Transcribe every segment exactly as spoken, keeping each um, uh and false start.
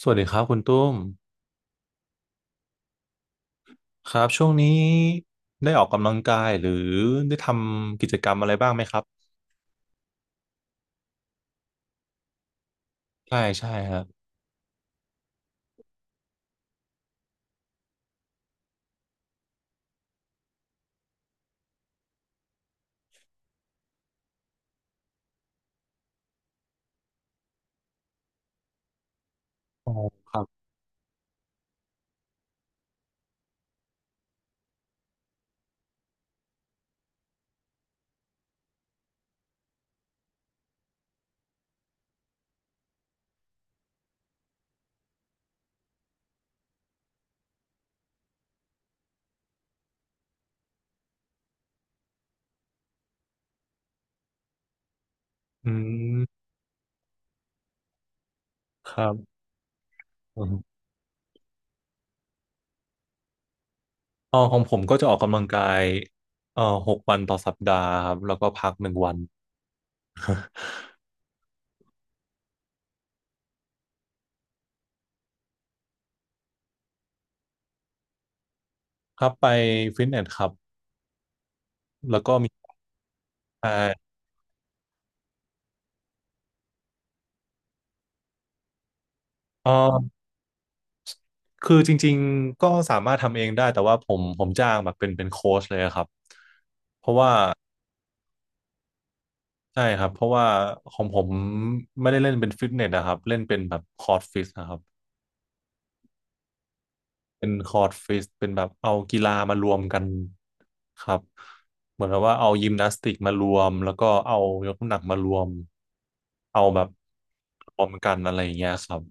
สวัสดีครับคุณตุ้มครับช่วงนี้ได้ออกกำลังกายหรือได้ทำกิจกรรมอะไรบ้างไหมครับใช่ใช่ครับอ๋อครับอืมครับอมอ๋อของผมก็จะออกกำลังกายเอ่อหกวันต่อสัปดาห์ครับแล้วก็พักหนึ่งวันครับไปฟิตเนสครับแล้วก็มีเอ่อเอ่อคือจริงๆก็สามารถทำเองได้แต่ว่าผมผมจ้างแบบเป็นเป็นโค้ชเลยครับเพราะว่า ใช่ครับเพราะว่าของผมไม่ได้เล่นเป็นฟิตเนสนะครับเล่นเป็นแบบคอร์ดฟิตนะครับเป็นคอร์ดฟิตเป็นแบบเอากีฬามารวมกันครับเหมือนกับว่าเอายิมนาสติกมารวมแล้วก็เอายกน้ำหนักมารวมเอาแบบรวมกันอะไรอย่างเงี้ยครับ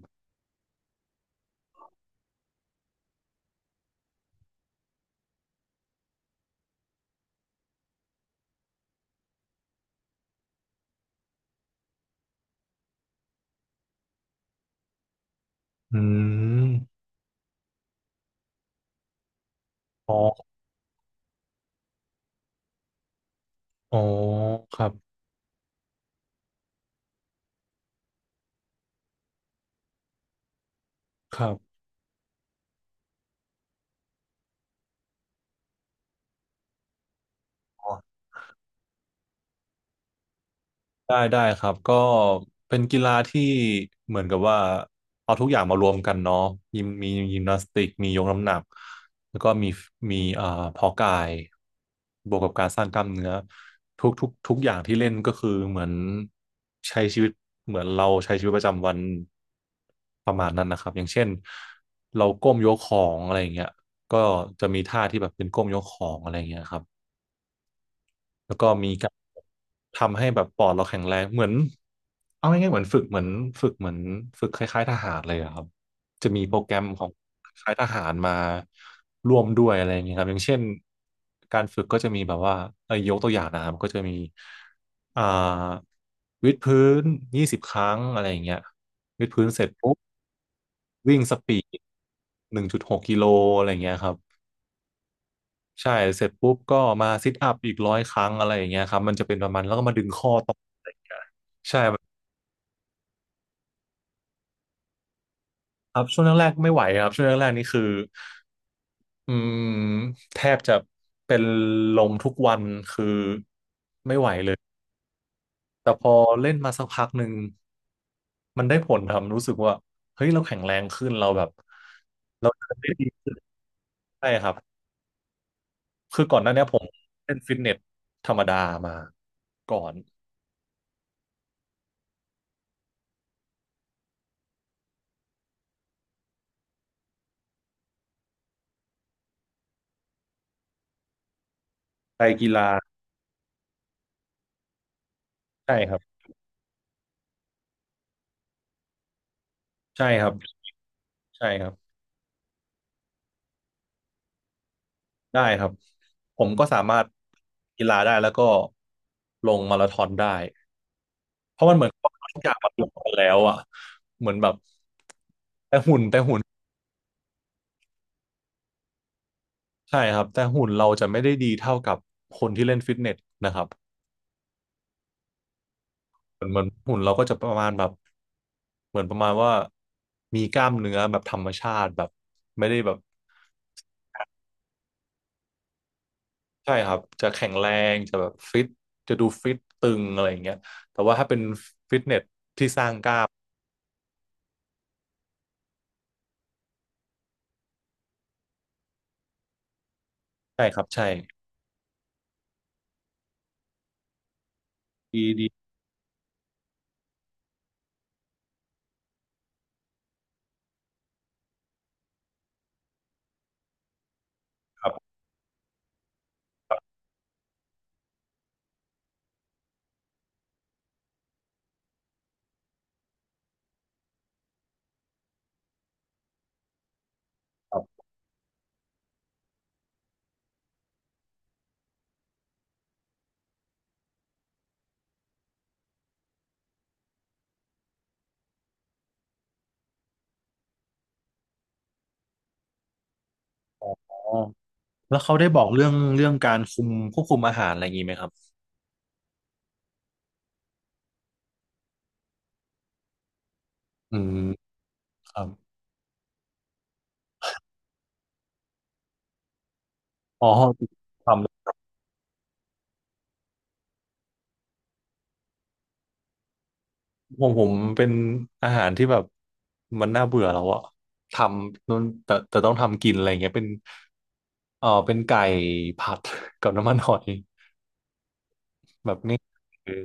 อืมอ๋ออ๋อครับครับ ได้ได้ครับก็เป็นกีฬาที่เหมือนกับว่าเอาทุกอย่างมารวมกันเนาะยิมมียิมนาสติกมียกน้ำหนักแล้วก็มีมีเอ่อเพาะกายบวกกับการสร้างกล้ามเนื้อทุกทุกทุกอย่างที่เล่นก็คือเหมือนใช้ชีวิตเหมือนเราใช้ชีวิตประจำวันประมาณนั้นนะครับอย่างเช่นเราก้มยกของอะไรอย่างเงี้ยก็จะมีท่าที่แบบเป็นก้มยกของอะไรอย่างเงี้ยครับ แล้วก็มีการทำให้แบบปอดเราแข็งแรงเหมือนเอาง่ายๆเหมือนฝึกเหมือนฝึกเหมือนฝึกคล้ายๆทหารเลยอะครับจะมีโปรแกรมของคล้ายๆทหารมาร่วมด้วยอะไรอย่างเงี้ยครับอย่างเช่นการฝึกก็จะมีแบบว่าเอ่อยกตัวอย่างนะครับก็จะมีอ่าวิดพื้นยี่สิบครั้งอะไรอย่างเงี้ยวิดพื้นเสร็จปุ๊บวิ่งสปีดหนึ่งจุดหกกิโลอะไรอย่างเงี้ยครับ ใช่เสร็จปุ๊บก็มาซิทอัพอีกร้อยครั้งอะไรอย่างเงี้ยครับมันจะเป็นประมาณแล้วก็มาดึงข้อต่อครับช่วงแรกๆไม่ไหวครับช่วงแรกๆนี่คืออืมแทบจะเป็นลมทุกวันคือแต่พอเล่นมาสักพักหนึ่งมันได้ผลครับรู้สึกว่าเฮ้ยเราแข็งแรงขึ้นเราแบบเราเดินได้ดีใช่ครับคือก่อนหน้าเนี้ยผมเล่นฟิตเนสธรรมดามาก่อนไปกีฬาใช่ครับใช่ครับใช่ครับ ได้ครับผมก็สามารถกีฬาได้แล้วก็ลงมาราธอนได้เพราะมันเหมือนกับว่าทุกอย่างมันลงกันแล้วอ่ะเหมือนแบบใช่ครับแต่หุ่นเราจะไม่ได้ดีเท่ากับคนที่เล่นฟิตเนสนะครับเหมือนเหมือนหุ่นเราก็จะประมาณแบบเหมือนประมาณว่ามีกล้ามเนื้อแบบธรรมชาติแบบไม่ได้แบบใช่ครับจะแข็งแรงจะแบบฟิตจะดูฟิตตึงอะไรอย่างเงี้ยแต่ว่าถ้าเป็นฟิตเนสที่สร้างกล้ามใช่ครับใช่ดีดี แล้วเขาได้บอกเรื่องเรื่องการคุมควบคุมอาหารอะไรอย่างนี้ไหมครับ อืมครับอ๋อความของผมเป็นอาหารที่แบบมันน่าเบื่อแล้วอะทำนู่นแต่แต่ต้องทำกินอะไรเงี้ยเป็นเออเป็นไก่ผัด กับน้ำมันหอยแบบนี้คือ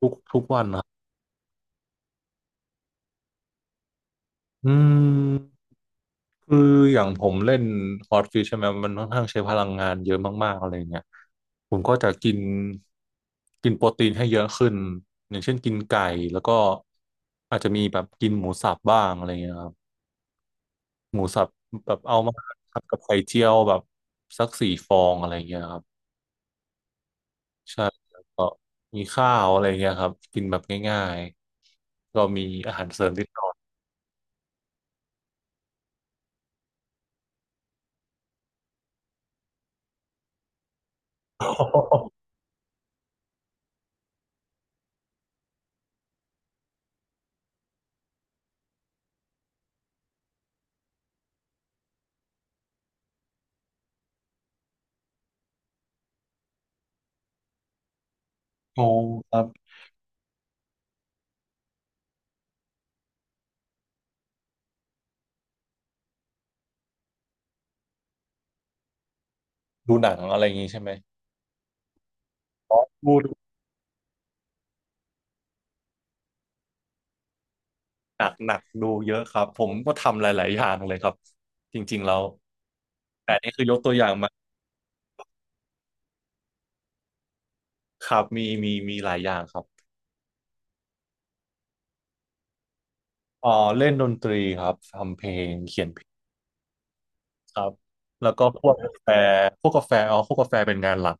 ทุกทุกวันนะอืม คืออย่างผมเล่นฮอตฟิชใช่ไหมมันค่อนข้างใช้พลังงานเยอะมากๆอะไรเงี้ยผมก็จะกินกินโปรตีนให้เยอะขึ้นอย่างเช่นกินไก่แล้วก็อาจจะมีแบบกินหมูสับบ้างอะไรเงี้ยครับหมูสับแบบเอามาผัดกับไข่เจียวแบบสักสี่ฟองอะไรเงี้ยครับใช่แล้วก็มีข้าวอะไรเงี้ยครับกินแบบง่ายๆก็มีอาหารเสริมนิดหน่อย โอ้ครับดูหนังอะไรอย่างงี้ใช่ไหมอ๋อดู หนักหนักดูเยอะครับผมก็ทำหลายๆอย่างเลยครับจริงๆแล้วแต่นี่คือยกตัวอย่างมาครับมีมีมีหลายอย่างครับอ๋อเล่นดนตรีครับทำเพลงเขียนเพลงครับแล้วก็พวกกาแฟพวกกาแฟอ๋อพวกกาแฟเป็นงานหลัก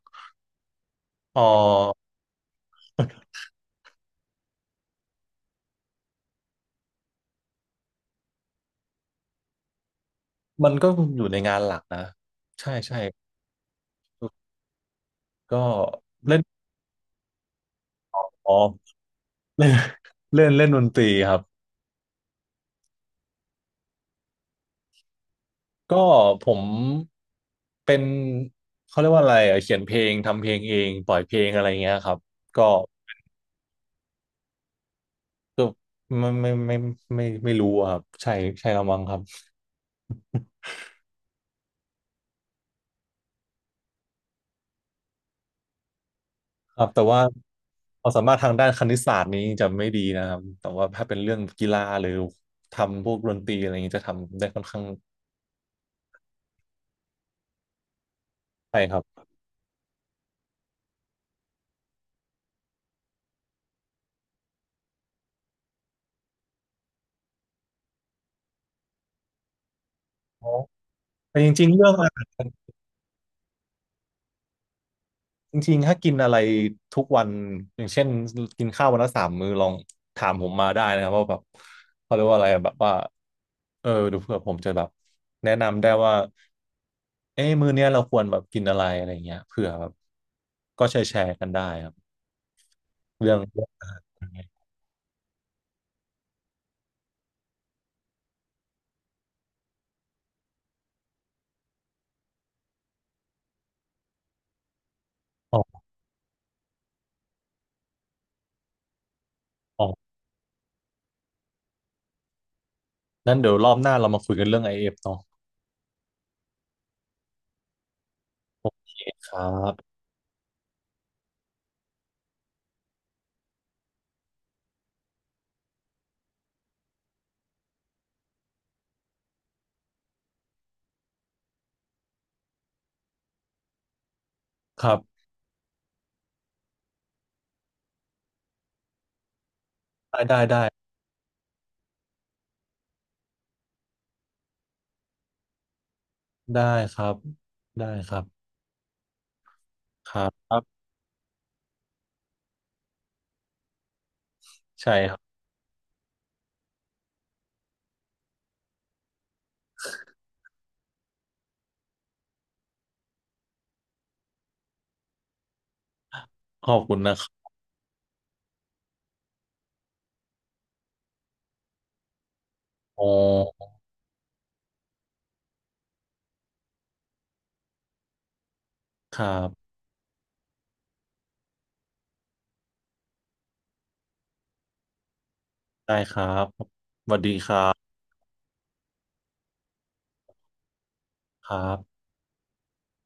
อ๋อมันก็อยู่ในงานหลักนะใช่ใช่ก็เล่นอ๋อเล่นเล่นเล่นดนตรีครับก็ผมเป็นเขาเรียกว่าอะไรอะเขียนเพลงทำเพลงเองปล่อยเพลงอะไรเงี้ยครับก็ ไม่ไม่ไม่ไม่ไม่ไม่รู้อะครับใช่ใช่ละมั้งครับครับแต่ว่าความสามารถทางด้านคณิตศาสตร์นี้จะไม่ดีนะครับแต่ว่าถ้าเป็นเรื่องกีฬาหรือทำพวกดนตรีอะไรอย่างนี้จะทำได้ค่อนข้างใช่ครับอ๋อแต่จริงๆเรื่องอาหารจริงๆถ้ากินอะไรทุกวันอย่างเช่นกินข้าววันละสามมื้อลองถามผมมาได้นะครับว่าแบบเขาเรียกว่าอะไรอะแบบว่าเออเดูเผื่อผมจะแบบแนะนำได้ว่าเอ้มื้อเนี้ยเราควรแบบกินอะไรอะไรอย่างเงี้ยเผื่อแบบก็แชร์แชร์กันได้ครับ เรื่องเรื่องอะไรอ๋ออ๋อนั่นเดี๋ยวรอบหน้าเรามาคุยกันเรื่อง ไอ เอฟ เอฟเนาะครับครับ ได้ ได้ ได้ ได้ครับ ได้ครับ ครับ ใช่ครับ ขอบคุณนะครับอ๋อครับได้ครับครับ